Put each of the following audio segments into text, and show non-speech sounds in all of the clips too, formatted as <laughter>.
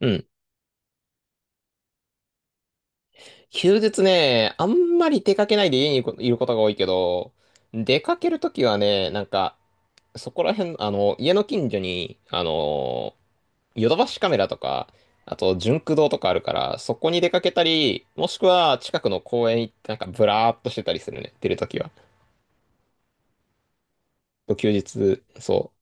うん。休日ね、あんまり出かけないで家にいることが多いけど、出かけるときはね、なんか、そこら辺、家の近所に、ヨドバシカメラとか、あと、ジ駆動とかあるから、そこに出かけたり、もしくは近くの公園行って、なんか、ブラーっとしてたりするね、出るときは。休日、そ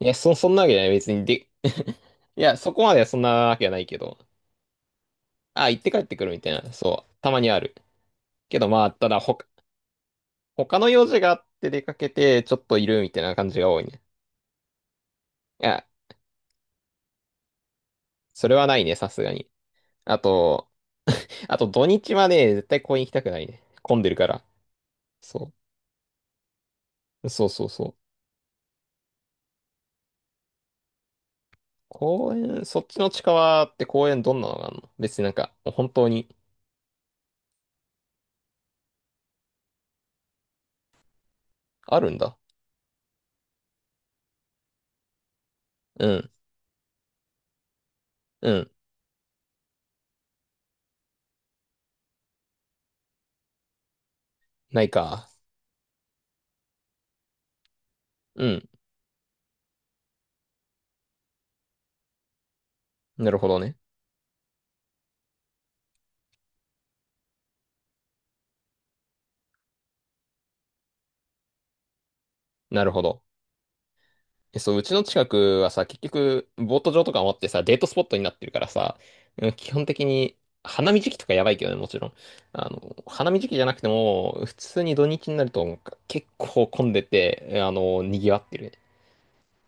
う。いや、そんなわけじゃない、別にで、<laughs> いや、そこまではそんなわけじゃないけど。あ、行って帰ってくるみたいな。そう。たまにある。けどまあ、ただ、他の用事があって出かけて、ちょっといるみたいな感じが多いね。いや、それはないね、さすがに。あと、あと土日はね、絶対公園行きたくないね。混んでるから。そう。そうそうそう。公園、そっちの近場って公園どんなのがあるの？別になんか、本当にあるんだ。うん、うん、ないか。うん、なるほどね。なるほど。えそう、うちの近くはさ、結局、ボート場とかもあってさ、デートスポットになってるからさ、うん基本的に、花見時期とかやばいけどね、もちろん。あの、花見時期じゃなくても、普通に土日になると結構混んでて、あの、賑わってるね。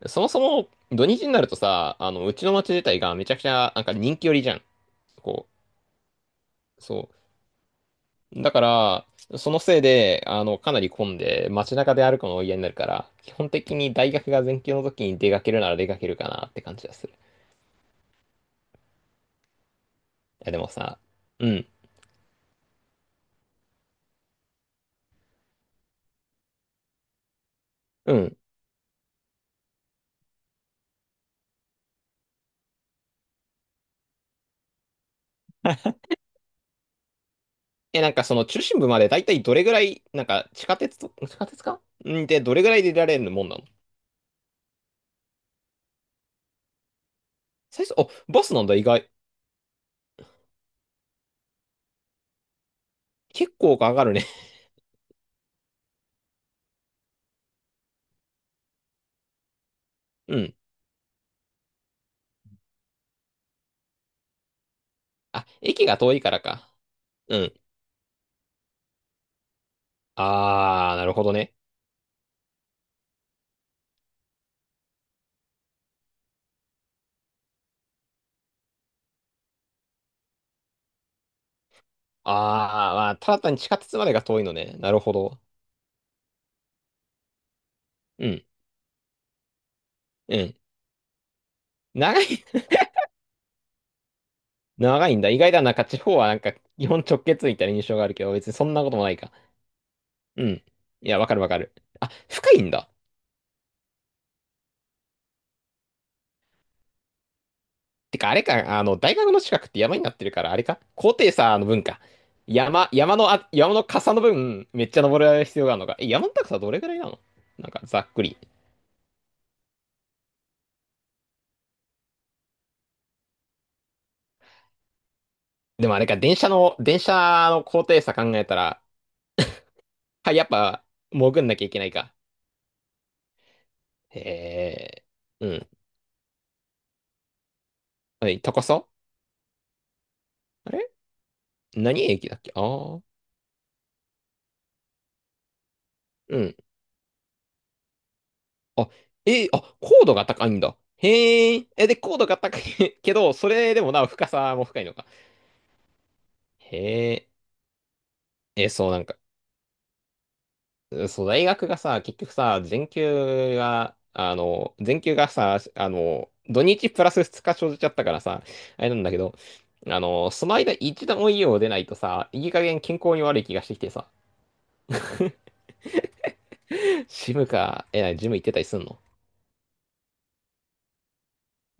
そもそも、土日になるとさ、あの、うちの町自体がめちゃくちゃ、なんか人気寄りじゃん。こう、そう。だから、そのせいで、あの、かなり混んで、街中で歩くのが嫌になるから、基本的に大学が全休の時に出かけるなら出かけるかなって感じです。や、でもさ、うん、うん。え、なんかその中心部までだいたいどれぐらい、なんか地下鉄と、地下鉄かうんで、どれぐらいで出られるもんなの？最初、お、バスなんだ、意外。結構かかるね。<laughs> うん。あ、駅が遠いからか。うん。あー、なるほどね。あー、まあ、ただ単に地下鉄までが遠いのね。なるほど。うん、うん。長い、<laughs> 長いんだ。意外だな。なんか地方はなんか、基本直結みたいな印象があるけど、別にそんなこともないか。うん。いや、わかるわかる。あ、深いんだ。てか、あれか、あの、大学の近くって山になってるから、あれか、高低差の分か。山の傘の分、めっちゃ登る必要があるのか。え、山の高さどれぐらいなの？なんか、ざっくり。でもあれか、電車の高低差考えたら、はい、やっぱ、潜んなきゃいけないか。へえ、うん。はい、高さあれ何駅だっけ？ああー、うん。あ、えーあ、高度が高いんだ。へえ、え、で、高度が高い <laughs> けど、それでもなお深さも深いのか。へえ、え、そうなんか？そう、大学がさ、結局さ、全休がさ、あの、土日プラス2日生じちゃったからさ、あれなんだけど、あの、その間一度も家を出ないとさ、いい加減健康に悪い気がしてきてさ、ジムか、え、なにジム行ってたりすんの？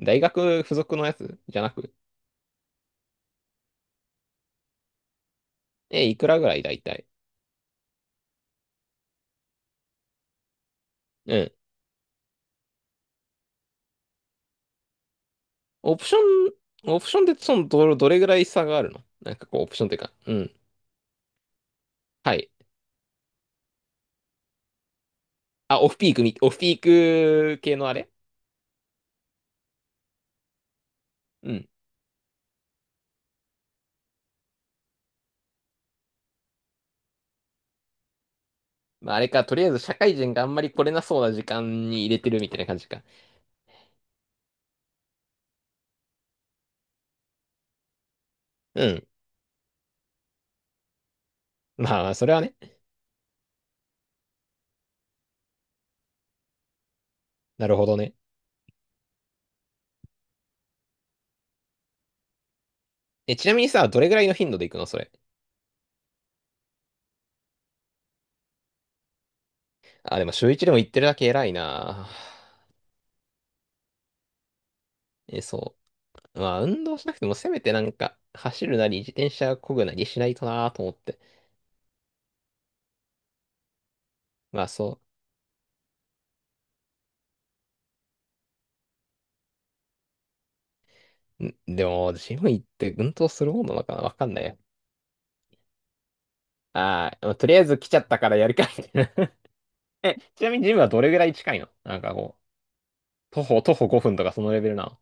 大学付属のやつじゃなく、え、いくらぐらいだいたい？うん。オプショオプションでその、どれぐらい差があるの？なんかこう、オプションっていうか、うん。はい。あ、オフピーク系のあれ？うんまあ、あれか、とりあえず社会人があんまり来れなそうな時間に入れてるみたいな感じか。うん。まあまあ、それはね。なるほどね。え、ちなみにさ、どれぐらいの頻度で行くのそれ。あ、でも週一でも行ってるだけ偉いな。え、そう。まあ、運動しなくてもせめてなんか、走るなり自転車漕ぐなりしないとなと思って。まあそう。んでも、ジム行って運動するもんなのかな？わかんないや。ああ、とりあえず来ちゃったからやるかみたいな。<laughs> え、ちなみにジムはどれぐらい近いの？なんかこう、徒歩5分とかそのレベルなの？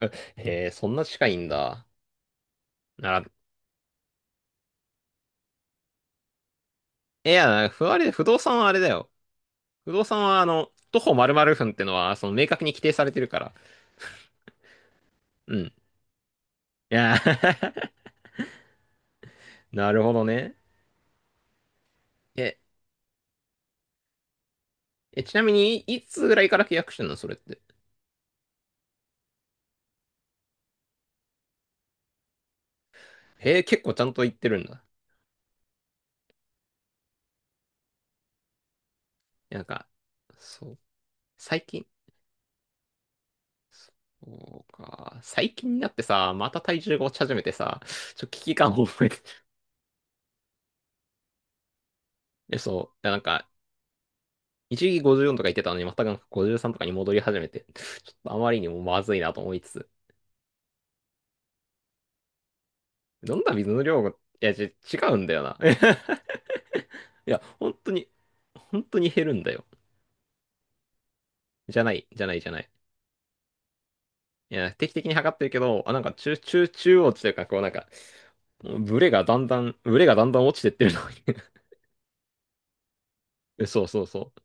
<laughs> へえ、そんな近いんだ。なら、いや、ふあれ、不動産はあれだよ。不動産は、あの、徒歩〇〇分ってのは、その、明確に規定されてるから。うん。いや、<laughs> なるほどね。え、え、ちなみに、いつぐらいから契約してんのそれって。へえ、結構ちゃんと言ってるんだ。なんか、そう、最近。そうか。最近になってさ、また体重が落ち始めてさ、ちょっと危機感を覚えて。で、そう。なんか、一時期54とか言ってたのに、またなんか53とかに戻り始めて、<laughs> ちょっとあまりにもまずいなと思いつつ、飲んだ水の量が、いや、違うんだよな。<laughs> いや、本当に、本当に減るんだよ。じゃない、じゃない、じゃない。いや、定期的に測ってるけど、あ、なんか中央値というか、こうなんか、ブレがだんだん落ちてってるのに <laughs> そうそうそう。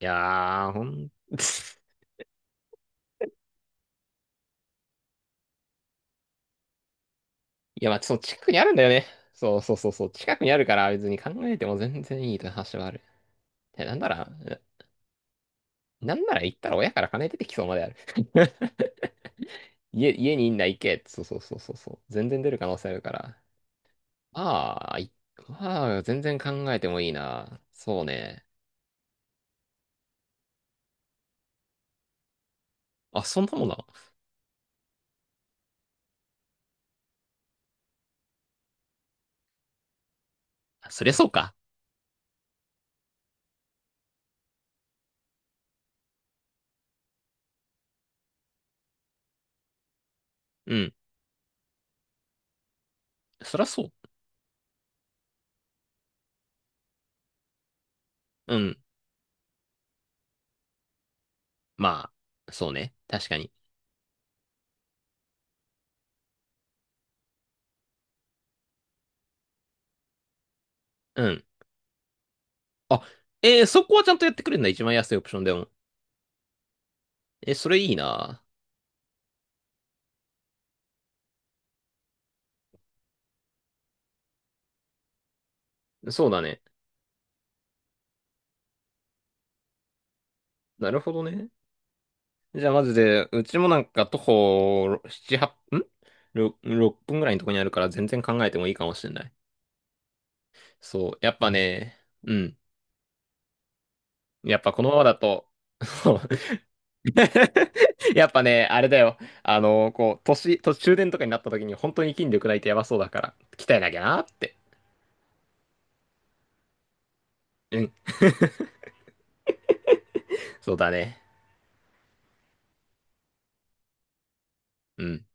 いやー、ほん、<laughs> いや、まあ、そう、近くにあるんだよね。そうそうそうそう。近くにあるから、別に考えても全然いいという話はある。いや、なんなら、なんなら行ったら親から金出てきそうまである <laughs> 家にいんな行けって。そうそうそうそうそう。全然出る可能性あるから。まあ、いまあ、全然考えてもいいな。そうね。あ、そんなもんなの？そりゃそうか。うん。そりゃそう。うん。まあ、そうね。確かに。うん。あ、えー、そこはちゃんとやってくれるんだ。一番安いオプションでも。え、それいいな。そうだね。なるほどね。じゃあ、マジで、うちもなんか徒歩7、8んろ ?6 分ぐらいのとこにあるから全然考えてもいいかもしれない。そう。やっぱね、うん。やっぱこのままだと、そう <laughs> やっぱね、あれだよ。あの、こう、年、途中電とかになった時に本当に筋力ないとやばそうだから、鍛えなきゃなって。うん。<laughs> そうだね。うん。